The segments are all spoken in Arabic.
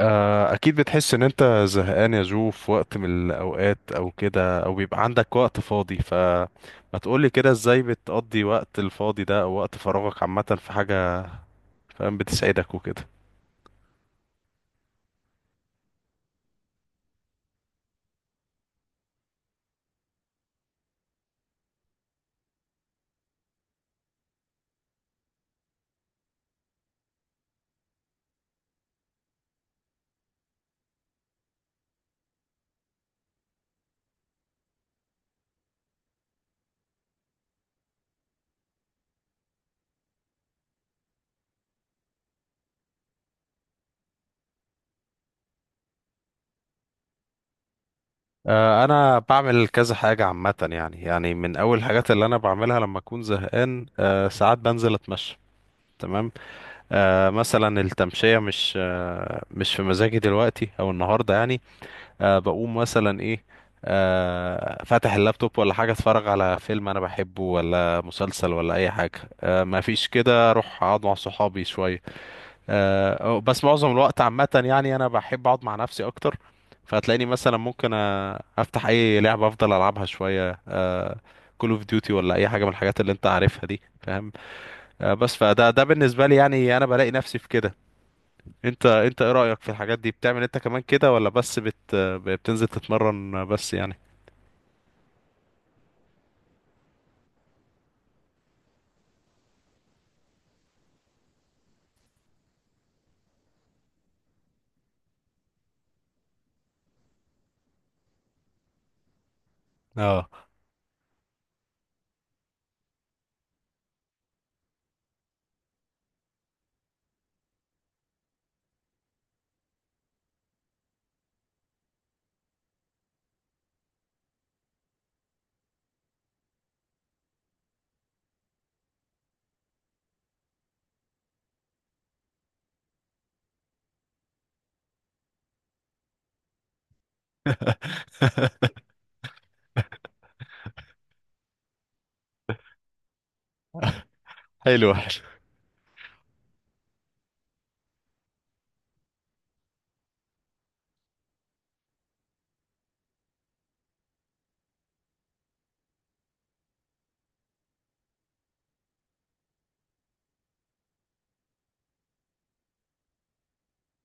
اكيد بتحس ان انت زهقان يا جو، في وقت من الاوقات او كده، او بيبقى عندك وقت فاضي. فما تقولي كده، ازاي بتقضي وقت الفاضي ده او وقت فراغك عامة في حاجة فاهم بتسعدك وكده؟ انا بعمل كذا حاجة عامة، يعني من اول الحاجات اللي انا بعملها لما اكون زهقان، ساعات بنزل اتمشى. تمام. مثلا التمشية مش في مزاجي دلوقتي او النهاردة يعني. بقوم مثلا ايه. فاتح اللابتوب ولا حاجة، اتفرج على فيلم انا بحبه ولا مسلسل ولا اي حاجة. ما فيش كده، اروح اقعد مع صحابي شوية. بس معظم الوقت عامة يعني، انا بحب اقعد مع نفسي اكتر. فهتلاقيني مثلا ممكن، افتح اي لعبة افضل العبها شوية. كول اوف ديوتي ولا اي حاجة من الحاجات اللي انت عارفها دي، فاهم؟ بس فده بالنسبة لي يعني، انا بلاقي نفسي في كده. انت ايه رأيك في الحاجات دي، بتعمل انت كمان كده ولا بس بتنزل تتمرن بس يعني؟ اه. حلو حلو.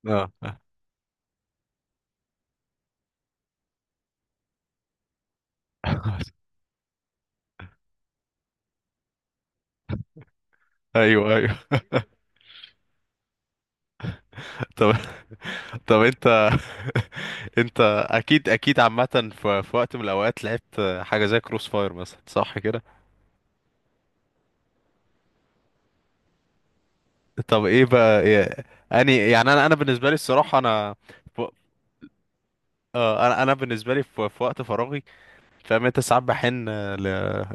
اه. ايوه، ايوه. طب طب انت... انت... اكيد اكيد عامه، في وقت من الاوقات لعبت حاجه زي كروس فاير مثلا، صح كده؟ طب ايه بقى إيه... اني يعني، انا بالنسبه لي الصراحه انا... ف- انا بالنسبه لي في وقت فراغي. فاهم انت، ساعات بحن ل...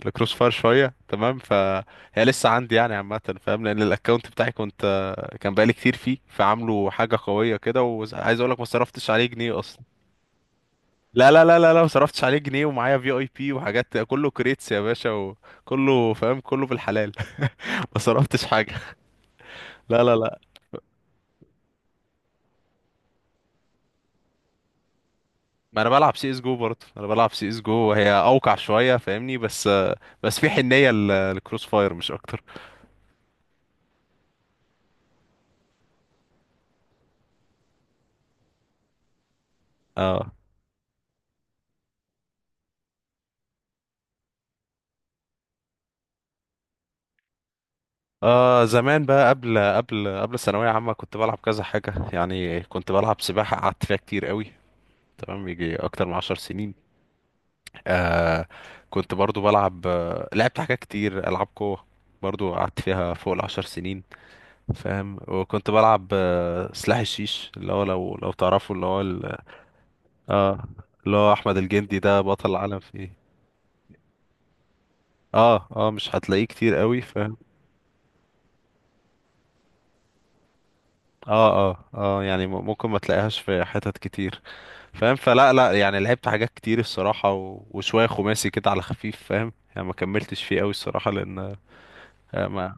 لكروس فاير شويه، تمام فهي لسه عندي يعني، عامه فاهم. لان الاكونت بتاعي كان بقالي كتير فيه، فعامله حاجه قويه كده. وعايز اقول لك ما صرفتش عليه جنيه اصلا. لا، لا، لا، لا، لا، ما صرفتش عليه جنيه ومعايا في IP وحاجات، كله كريتس يا باشا، وكله فاهم كله بالحلال. ما صرفتش حاجه. لا، لا، لا. ما انا بلعب CSGO برضه، انا بلعب CSGO وهي اوقع شويه فاهمني، بس... بس في حنيه للكروس فاير مش اكتر. اه. زمان بقى، قبل الثانوية عامة كنت بلعب كذا حاجة يعني، كنت بلعب سباحة قعدت فيها كتير قوي. تمام، يجي أكتر من 10 سنين. آه. كنت برضو بلعب آه، لعبت حاجات كتير، ألعاب قوة. برضو قعدت فيها فوق ال10 سنين. فاهم، وكنت بلعب سلاح الشيش، اللي هو لو تعرفوا اللي هو اه اللي هو أحمد الجندي ده بطل العالم فيه. اه، اه، مش هتلاقيه كتير قوي فاهم. اه، اه، اه، يعني ممكن ما تلاقيهاش في حتت كتير. فاهم. فلا لا يعني، لعبت حاجات كتير الصراحة، و... وشوية خماسي كده على خفيف، فاهم يعني ما كملتش فيه قوي الصراحة لأن... آه، ما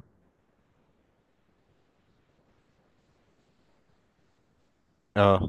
اه،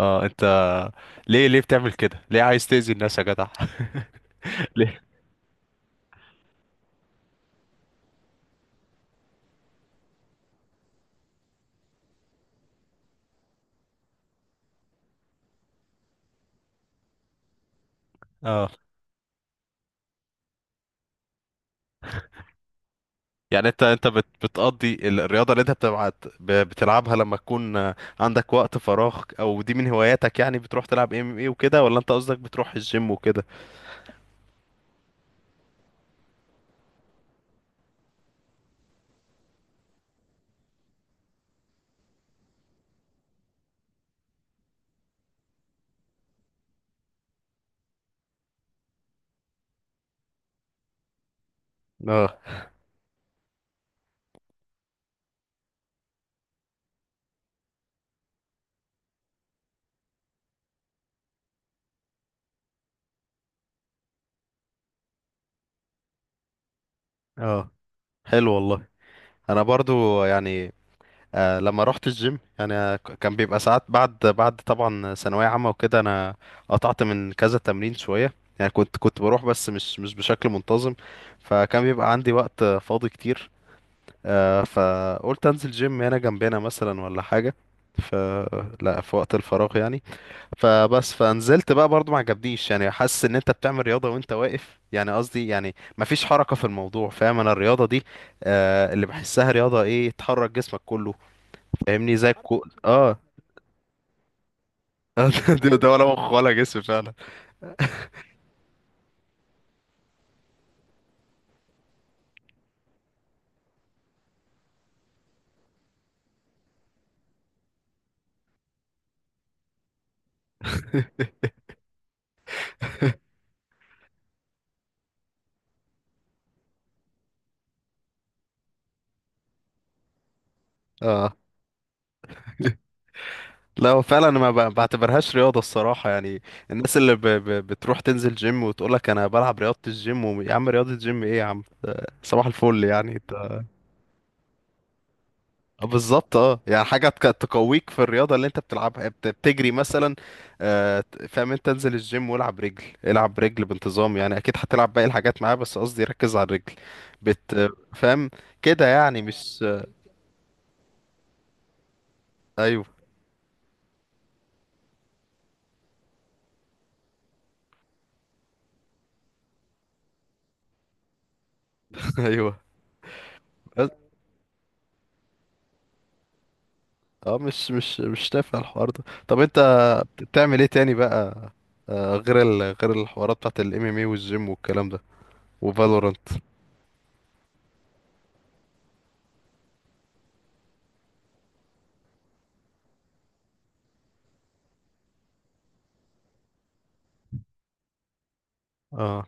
اه، انت... ليه ليه بتعمل كده؟ ليه عايز تأذي الناس يا جدع؟ ليه؟ اه، يعني انت بتقضي الرياضة اللي انت بتلعبها لما تكون عندك وقت فراغ، او دي من هواياتك يعني؟ بتروح تلعب ام ايه وكده، ولا انت قصدك بتروح الجيم وكده؟ اه، اه، حلو والله. انا برضو يعني... لما رحت الجيم يعني كان بيبقى ساعات، بعد طبعا ثانوية عامة وكده انا قطعت من كذا تمرين شوية. يعني كنت بروح، بس مش بشكل منتظم. فكان بيبقى عندي وقت فاضي كتير. فقلت انزل جيم هنا جنبنا مثلا ولا حاجة. ف لا، في وقت الفراغ يعني. فبس فنزلت بقى، برضو ما عجبنيش يعني. حاسس ان انت بتعمل رياضة وانت واقف، يعني قصدي يعني مفيش حركة في الموضوع، فاهم؟ انا الرياضة دي، اللي بحسها رياضة، ايه تحرك جسمك كله. فاهمني، زي الكو اه ده ولا مخ ولا جسم فعلا. اه، لا هو فعلا ما بعتبرهاش رياضة الصراحة يعني. الناس اللي بتروح تنزل جيم وتقول لك انا بلعب رياضة الجيم، يا عم رياضة الجيم ايه يا عم، ده صباح الفل يعني انت... بالظبط اه، يعني حاجة تقويك في الرياضة اللي انت بتلعبها، يعني بتجري مثلا. فاهم، انت انزل الجيم والعب رجل العب رجل بانتظام، يعني اكيد هتلعب باقي الحاجات معاه بس قصدي ركز على الرجل. فاهم كده يعني مش ايوه. ايوه بس... اه، مش تافه الحوار ده. طب انت بتعمل ايه تاني بقى؟ غير الحوارات بتاعت الMMA والجيم والكلام ده. وفالورانت. اه.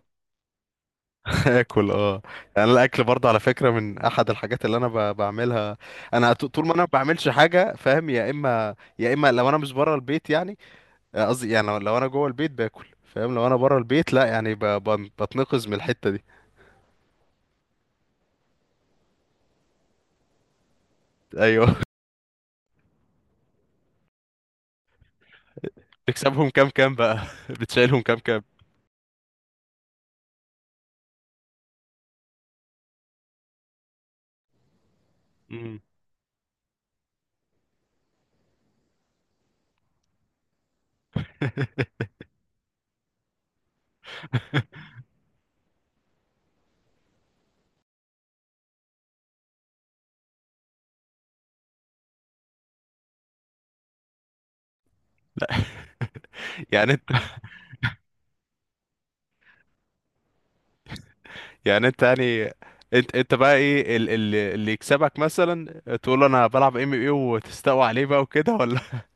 اكل، اه. يعني الاكل برضه على فكره من احد الحاجات اللي انا بعملها. انا طول ما انا ما بعملش حاجه فاهم، يا اما لو انا مش بره البيت يعني. قصدي يعني، لو انا جوه البيت باكل فاهم، لو انا بره البيت لا يعني بتنقذ من الحته دي. ايوه. بتكسبهم كام كام بقى؟ بتشيلهم كام كام؟ امم. يعني يعني انت يعني انت بقى ايه اللي يكسبك مثلا تقول له انا بلعب MMA وتستقوى عليه بقى وكده، ولا؟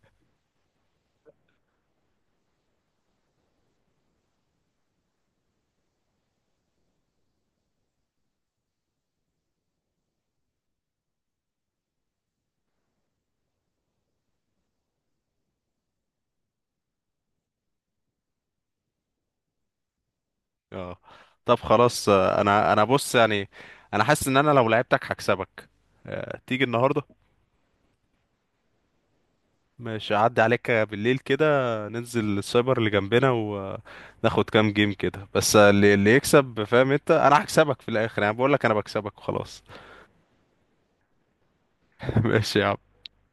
اه، طب خلاص. انا بص يعني، انا حاسس ان انا لو لعبتك هكسبك. تيجي النهارده؟ مش هعدي عليك بالليل كده. ننزل السايبر اللي جنبنا وناخد كام جيم كده، بس اللي يكسب فاهم انت، انا هكسبك في الاخر يعني. بقول لك انا بكسبك وخلاص. ماشي يا عم.